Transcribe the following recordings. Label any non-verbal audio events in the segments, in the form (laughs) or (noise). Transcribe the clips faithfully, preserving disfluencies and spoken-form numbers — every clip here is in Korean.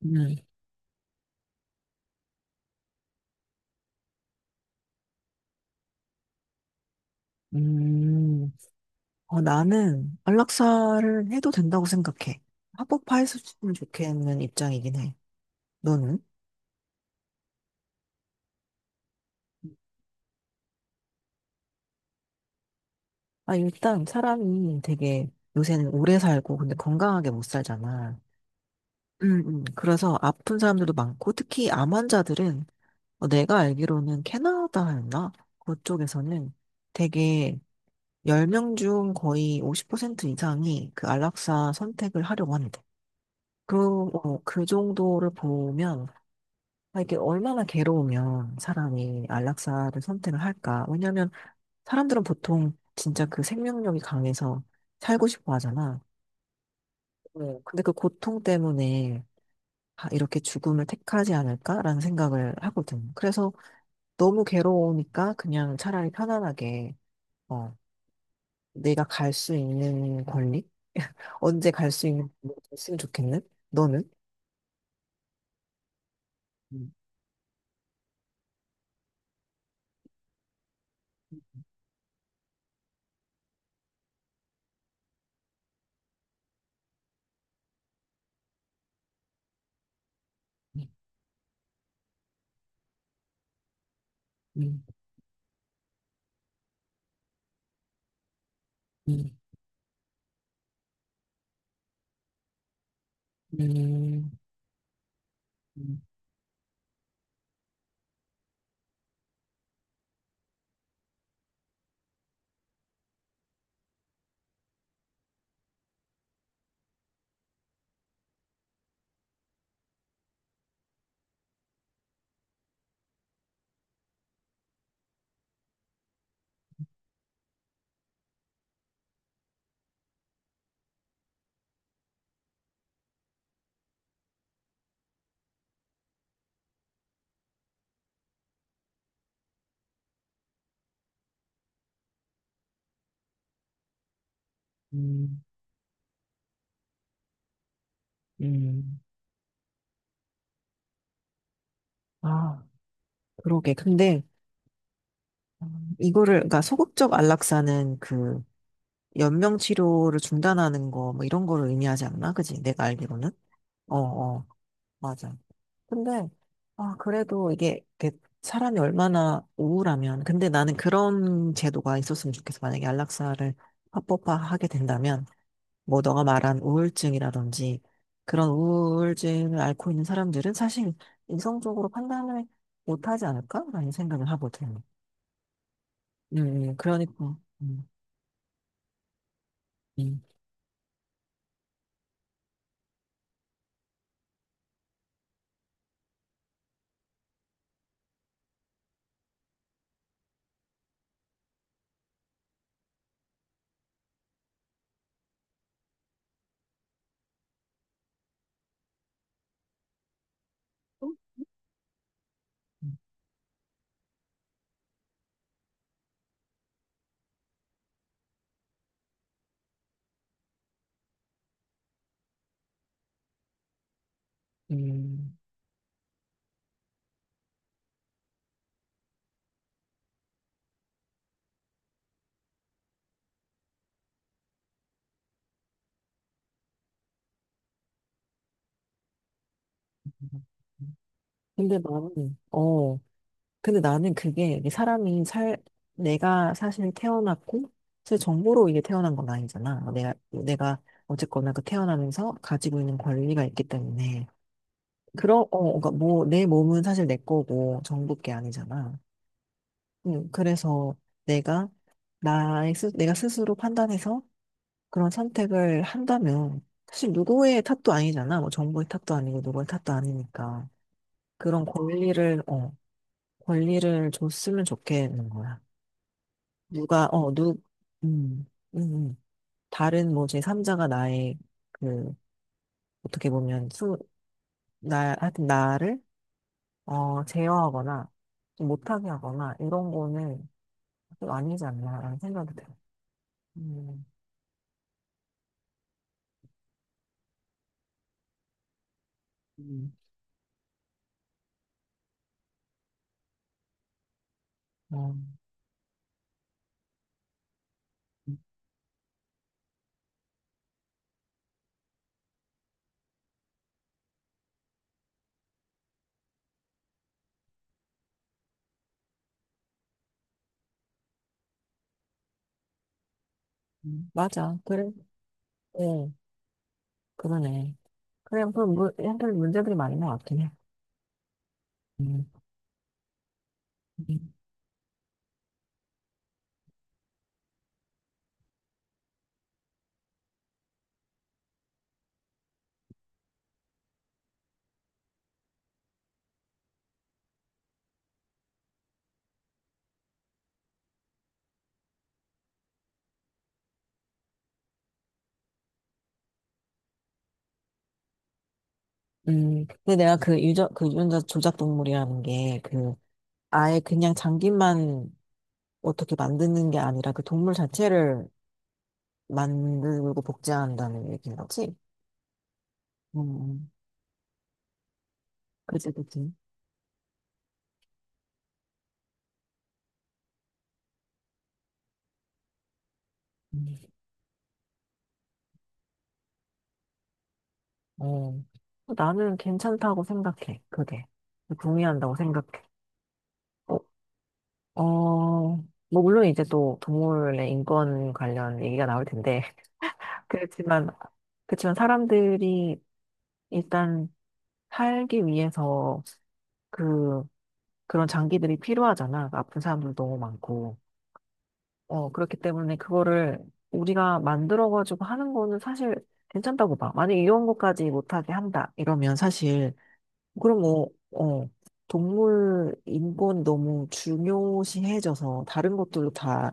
네. 음, 어, 나는 안락사를 해도 된다고 생각해. 합법화했으면 좋겠는 입장이긴 해. 너는? 아, 일단 사람이 되게 요새는 오래 살고 근데 건강하게 못 살잖아. 음, 음. 그래서 아픈 사람들도 많고 특히 암 환자들은 어, 내가 알기로는 캐나다였나? 그쪽에서는 되게 열 명 중 거의 오십 퍼센트 이상이 그 안락사 선택을 하려고 하는데. 그, 어, 그 정도를 보면 아, 이게 얼마나 괴로우면 사람이 안락사를 선택을 할까? 왜냐면 사람들은 보통 진짜 그 생명력이 강해서 살고 싶어 하잖아. 네. 근데 그 고통 때문에 아, 이렇게 죽음을 택하지 않을까라는 생각을 하거든. 그래서 너무 괴로우니까 그냥 차라리 편안하게 어, 내가 갈 수 있는 권리? (laughs) 언제 갈 수 있는 권리가 있으면 좋겠는? 너는? 음, 음, 음, 음, 음, 음. 음. 아. 그러게. 근데 음, 이거를 그러니까 소극적 안락사는 그 연명 치료를 중단하는 거 뭐 이런 거를 의미하지 않나? 그지? 내가 알기로는. 어, 어. 맞아. 근데 아, 그래도 이게 이렇게 사람이 얼마나 우울하면 근데 나는 그런 제도가 있었으면 좋겠어. 만약에 안락사를 합법화하게 된다면 뭐 너가 말한 우울증이라든지 그런 우울증을 앓고 있는 사람들은 사실 이성적으로 판단을 못하지 않을까라는 생각을 하거든. 음, 음, 음, 그러니까. 음, 음, 음. 음. 근데 나는, 어, 근데 나는 그게 이게 사람이 살, 내가 사실 태어났고, 사실 정보로 이게 태어난 건 아니잖아. 내가, 내가 어쨌거나 그 태어나면서 가지고 있는 권리가 있기 때문에. 그런, 어, 그러니까 뭐, 내 몸은 사실 내 거고, 정부 게 아니잖아. 음, 그래서 내가, 나의 스, 내가 스스로 판단해서 그런 선택을 한다면 사실 누구의 탓도 아니잖아. 뭐 정부의 탓도 아니고 누구의 탓도 아니니까 그런 권리를 어 권리를 줬으면 좋겠는 거야. 누가 어누. 음, 음, 음. 다른 뭐 제삼자가 나의 그 어떻게 보면 수나 하여튼 나를 어 제어하거나 좀 못하게 하거나 이런 거는 좀 아니지 않나라는 생각이 들어. 음, 음. 어, 음, 음. 맞아. 그래. 어, 그러네. 그냥 그 무, 한편 문제들이 많은 것 같긴 해. 음. 음. 음, 근데 내가 그 유저, 그 유전자 조작 동물이라는 게, 그, 아예 그냥 장기만 어떻게 만드는 게 아니라 그 동물 자체를 만들고 복제한다는 얘기인 거지? 음, 그치, 그치. 음. 어. 나는 괜찮다고 생각해, 그게. 동의한다고 생각해. 어, 어, 뭐, 물론 이제 또 동물의 인권 관련 얘기가 나올 텐데, 그렇지만, 그렇지만 사람들이 일단 살기 위해서 그, 그런 장기들이 필요하잖아. 아픈 사람들 너무 많고. 어, 그렇기 때문에 그거를 우리가 만들어가지고 하는 거는 사실 괜찮다고 봐. 만약 이런 것까지 못하게 한다. 이러면 사실, 그럼 뭐, 어, 동물 인권 너무 중요시해져서 다른 것들도 다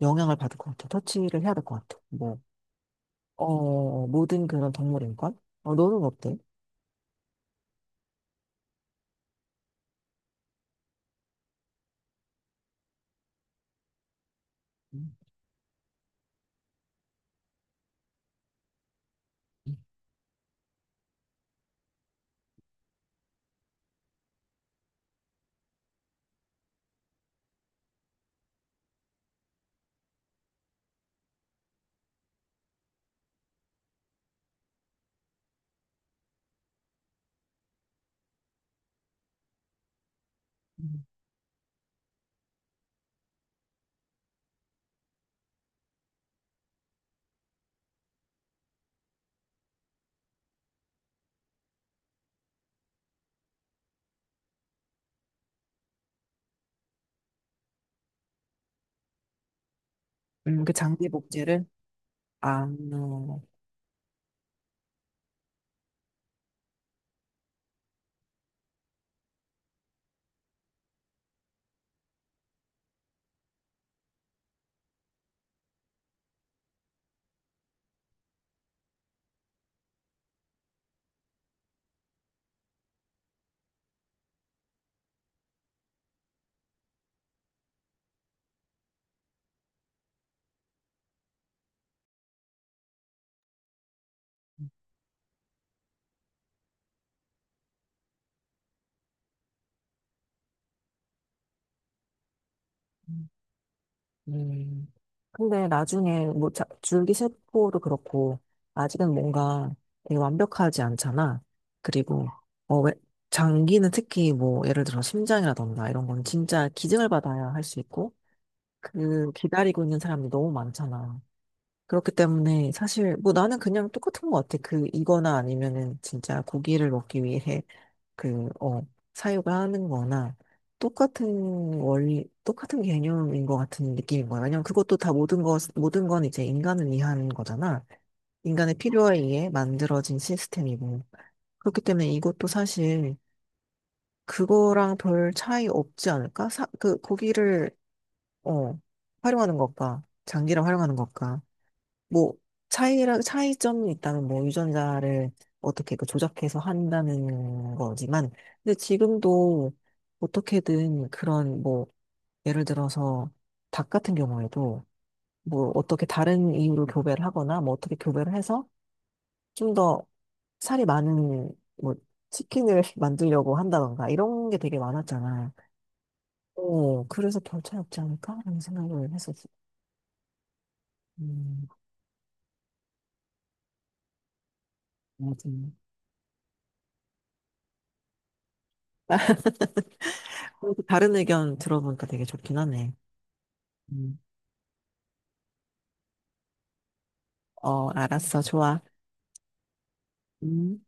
영향을 받을 것 같아. 터치를 해야 될 것 같아. 뭐, 어, 모든 그런 동물 인권? 어, 너는 어때? 음, 그 장기 복제를? 아, 음. 음. 근데 나중에 뭐 자, 줄기세포도 그렇고 아직은 뭔가 되게 완벽하지 않잖아. 그리고 어, 왜, 장기는 특히 뭐 예를 들어 심장이라던가 이런 건 진짜 기증을 받아야 할 수 있고 그 기다리고 있는 사람이 너무 많잖아. 그렇기 때문에 사실 뭐 나는 그냥 똑같은 것 같아. 그 이거나 아니면은 진짜 고기를 먹기 위해 그, 어, 사유가 하는 거나 똑같은 원리, 똑같은 개념인 것 같은 느낌인 거야. 왜냐면 그것도 다 모든 것, 모든 건 이제 인간을 위한 거잖아. 인간의 필요에 의해 만들어진 시스템이고. 그렇기 때문에 이것도 사실 그거랑 별 차이 없지 않을까? 사, 그 고기를 어, 활용하는 것과 장기를 활용하는 것과 뭐 차이라 차이점이 있다면 뭐 유전자를 어떻게 그 조작해서 한다는 거지만 근데 지금도 어떻게든 그런 뭐 예를 들어서 닭 같은 경우에도 뭐 어떻게 다른 이유로 교배를 하거나 뭐 어떻게 교배를 해서 좀 더 살이 많은 뭐 치킨을 (laughs) 만들려고 한다던가 이런 게 되게 많았잖아. 어, 그래서 별 차이 없지 않을까라는 생각을 했었어. 음, 맞아. 그리고 다른 의견 들어보니까 되게 좋긴 하네. 음. 어, 알았어. 좋아. 음.